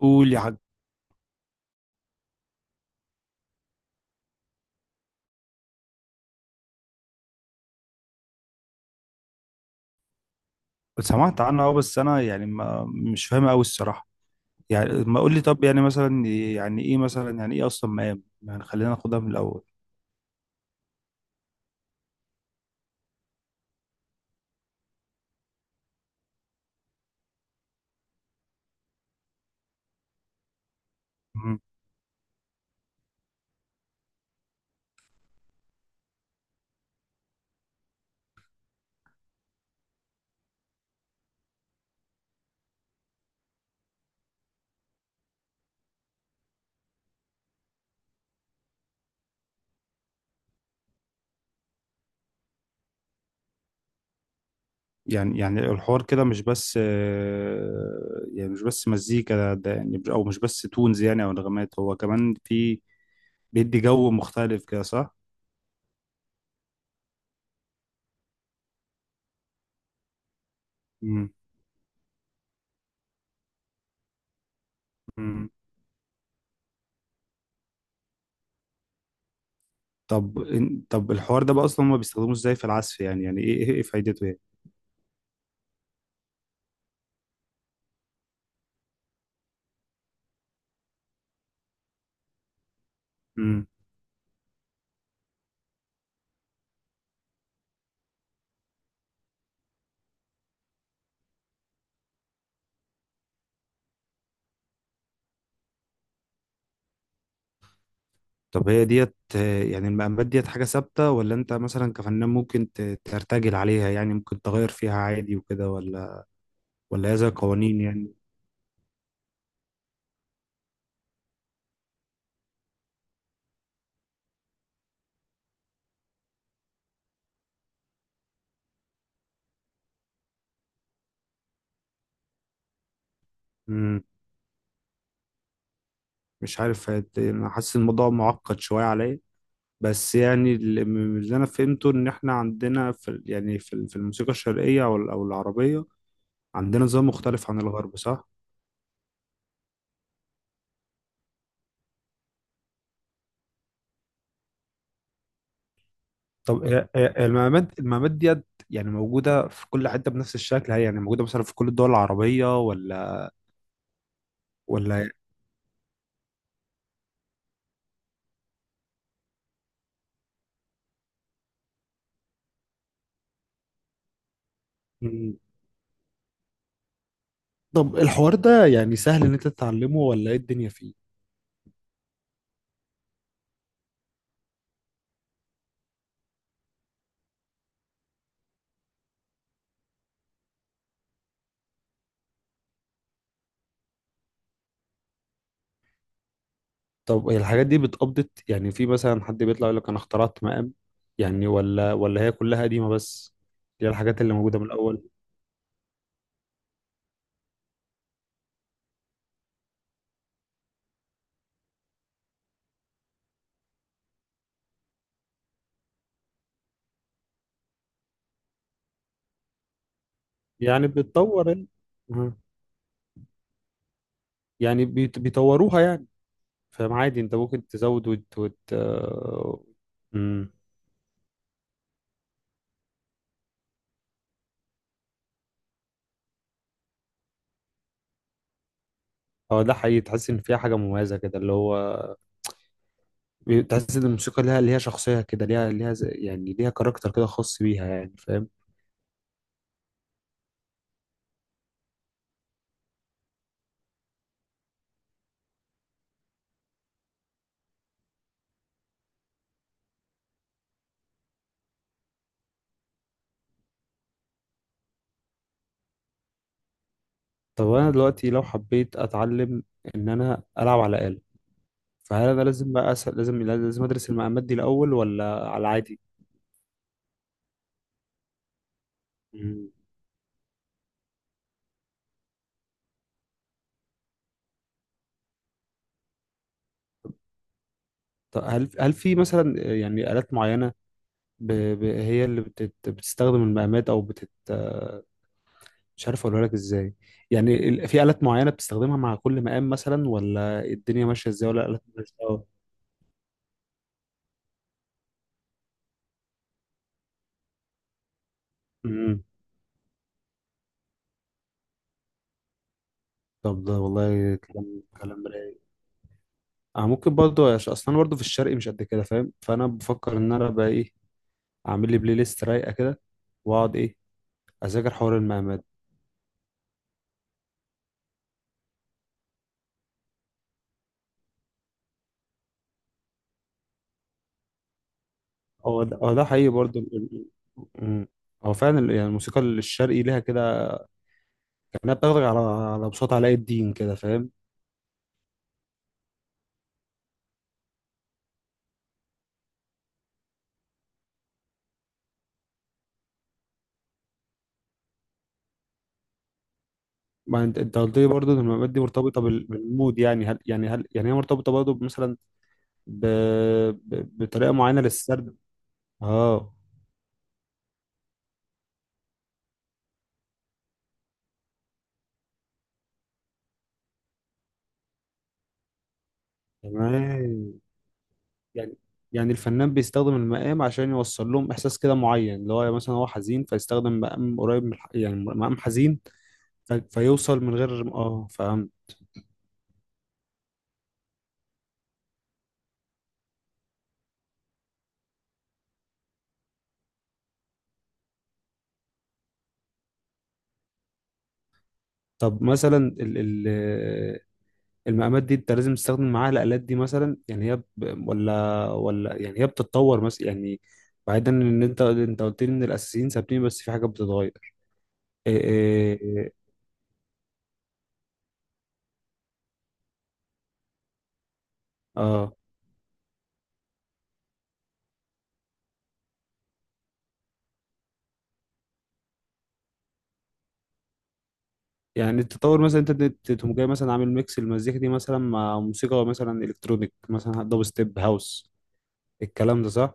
قول يا حاج. سمعت عنها، بس انا يعني ما مش فاهمها قوي الصراحه. يعني ما قول لي، طب يعني مثلا، يعني ايه مثلا؟ يعني ايه اصلا مقام؟ يعني خلينا ناخدها من الاول. مم. يعني الحوار كده مش بس، يعني مش بس مزيكا، ده يعني او مش بس تونز، يعني او نغمات، هو كمان في بيدي جو مختلف كده، صح؟ مم. مم. طب الحوار ده بقى اصلا هما بيستخدموه ازاي في العزف؟ يعني ايه ايه إيه فايدته؟ يعني. طب هي ديت، يعني المقامات ديت حاجة ثابتة؟ ولا انت مثلا كفنان ممكن ترتجل عليها؟ يعني ممكن تغير فيها عادي وكده، ولا؟ ولا هي زي قوانين يعني؟ مم. مش عارف، انا حاسس الموضوع معقد شوية عليا. بس يعني، اللي من اللي انا فهمته ان احنا عندنا يعني في الموسيقى الشرقية او العربية، عندنا نظام مختلف عن الغرب، صح؟ طب المقامات ديت يعني موجودة في كل حتة بنفس الشكل؟ هي يعني موجودة مثلا في كل الدول العربية ولا؟ ولا طب الحوار ده يعني سهل ان انت تتعلمه؟ ولا ايه الدنيا فيه؟ طب هي الحاجات دي بتقبضت؟ يعني في مثلا حد بيطلع يقول لك انا اخترعت مقام؟ يعني ولا، هي كلها قديمة بس؟ دي الحاجات اللي موجودة من الاول. يعني بتطور. مم. يعني بيطوروها يعني. فاهم، عادي انت ممكن تزود وت وت آه، مم. هو ده حقيقي، تحس ان فيها حاجة مميزة كده، اللي هو تحس ان الموسيقى ليها، شخصية كده، ليها، يعني ليها كاركتر كده خاص بيها يعني، فاهم؟ طب انا دلوقتي لو حبيت اتعلم ان انا العب على آلة، فهل انا لازم بقى أسأل، لازم ادرس المقامات دي الاول؟ ولا على عادي؟ مم. طب هل في مثلا يعني آلات معينة، هي اللي بتستخدم المقامات او بتت مش عارف اقولها لك ازاي. يعني في آلات معينة بتستخدمها مع كل مقام مثلا؟ ولا الدنيا ماشية ازاي؟ ولا آلات مالهاش دعوة؟ مم. طب ده والله كلام كلام رايق. اه ممكن برضه، عشان اصلا برضه في الشرق مش قد كده فاهم، فانا بفكر ان انا بقى ايه، اعمل لي بلاي ليست رايقه كده، واقعد ايه، اذاكر حوار المقامات. هو ده حقيقي برضه. مم. هو فعلا يعني الموسيقى الشرقي ليها كده، كانها بتاخدك على بساط علاء الدين كده، فاهم؟ ما انت قلت لي برضه ان المقامات دي مرتبطه بالمود، يعني هل يعني هل يعني هي مرتبطه برضه مثلا، ب... بطريقه معينه للسرد؟ اه، تمام. يعني يعني الفنان بيستخدم المقام عشان يوصل لهم احساس كده معين، اللي هو مثلا هو حزين، فيستخدم مقام قريب من يعني مقام حزين، فيوصل من غير، فاهم؟ طب مثلا ال ال المقامات دي انت لازم تستخدم معاها الآلات دي مثلا؟ يعني هي. ولا يعني هي بتتطور مثلا يعني، بعيدا ان انت قلت لي ان الاساسيين ثابتين بس في حاجات بتتغير. إيه، إيه، إيه. اه. يعني التطور مثلا انت تقوم جاي مثلا عامل ميكس المزيكا دي مثلا مع موسيقى مثلا الكترونيك، مثلا دب ستيب، هاوس؟ الكلام ده صح؟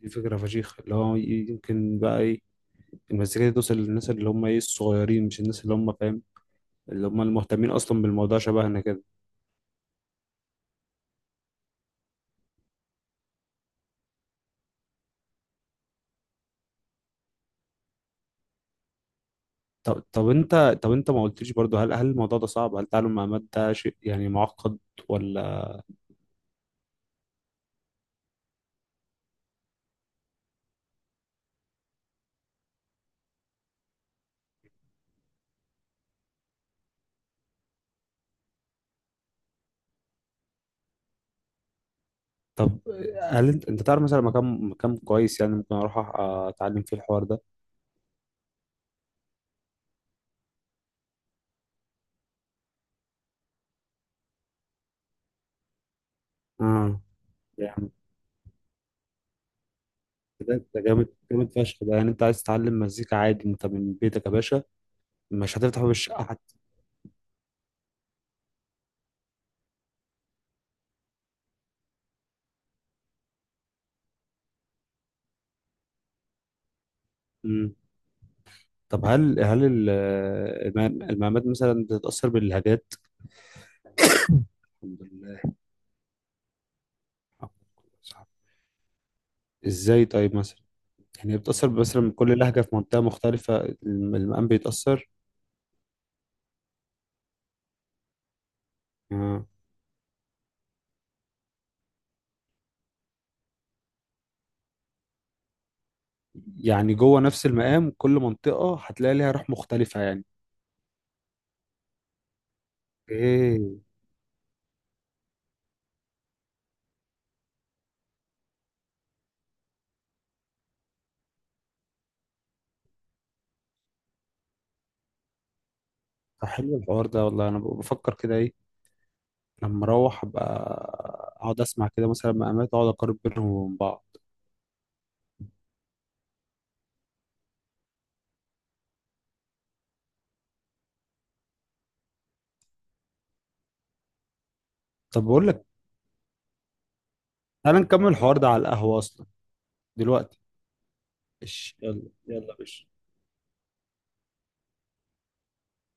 دي فكرة فشيخة، اللي هو يمكن بقى ايه، المزيكا دي توصل للناس اللي هم ايه الصغيرين، مش الناس اللي هم فاهم، اللي هم المهتمين اصلا بالموضوع شبهنا كده. طب طب انت طب انت ما قلتليش برضو، هل الموضوع ده صعب؟ هل تعلم مع مات ده شيء يعني معقد، ولا؟ طب هل انت, تعرف مثلا مكان كويس يعني ممكن اروح اتعلم فيه الحوار ده؟ اه، يعني ده انت جامد جامد فشخ. ده يعني انت عايز تتعلم مزيكا عادي انت من بيتك يا باشا، مش هتفتح باب الشقه حتى. مم. طب المقامات مثلا بتتأثر باللهجات؟ الحمد لله. ازاي طيب مثلا؟ يعني هي بتأثر بس لما كل لهجة في منطقة مختلفة، المقام بيتأثر؟ آه. يعني جوه نفس المقام كل منطقة هتلاقي ليها روح مختلفة يعني؟ ايه. طب حلو الحوار ده، والله انا بفكر كده ايه، لما اروح ابقى اقعد اسمع كده مثلا مقامات، اقعد اقارن بينهم وبين بعض. طب بقول لك، تعالى نكمل الحوار ده على القهوة اصلا دلوقتي. إيش يلا. يلا يا باشا.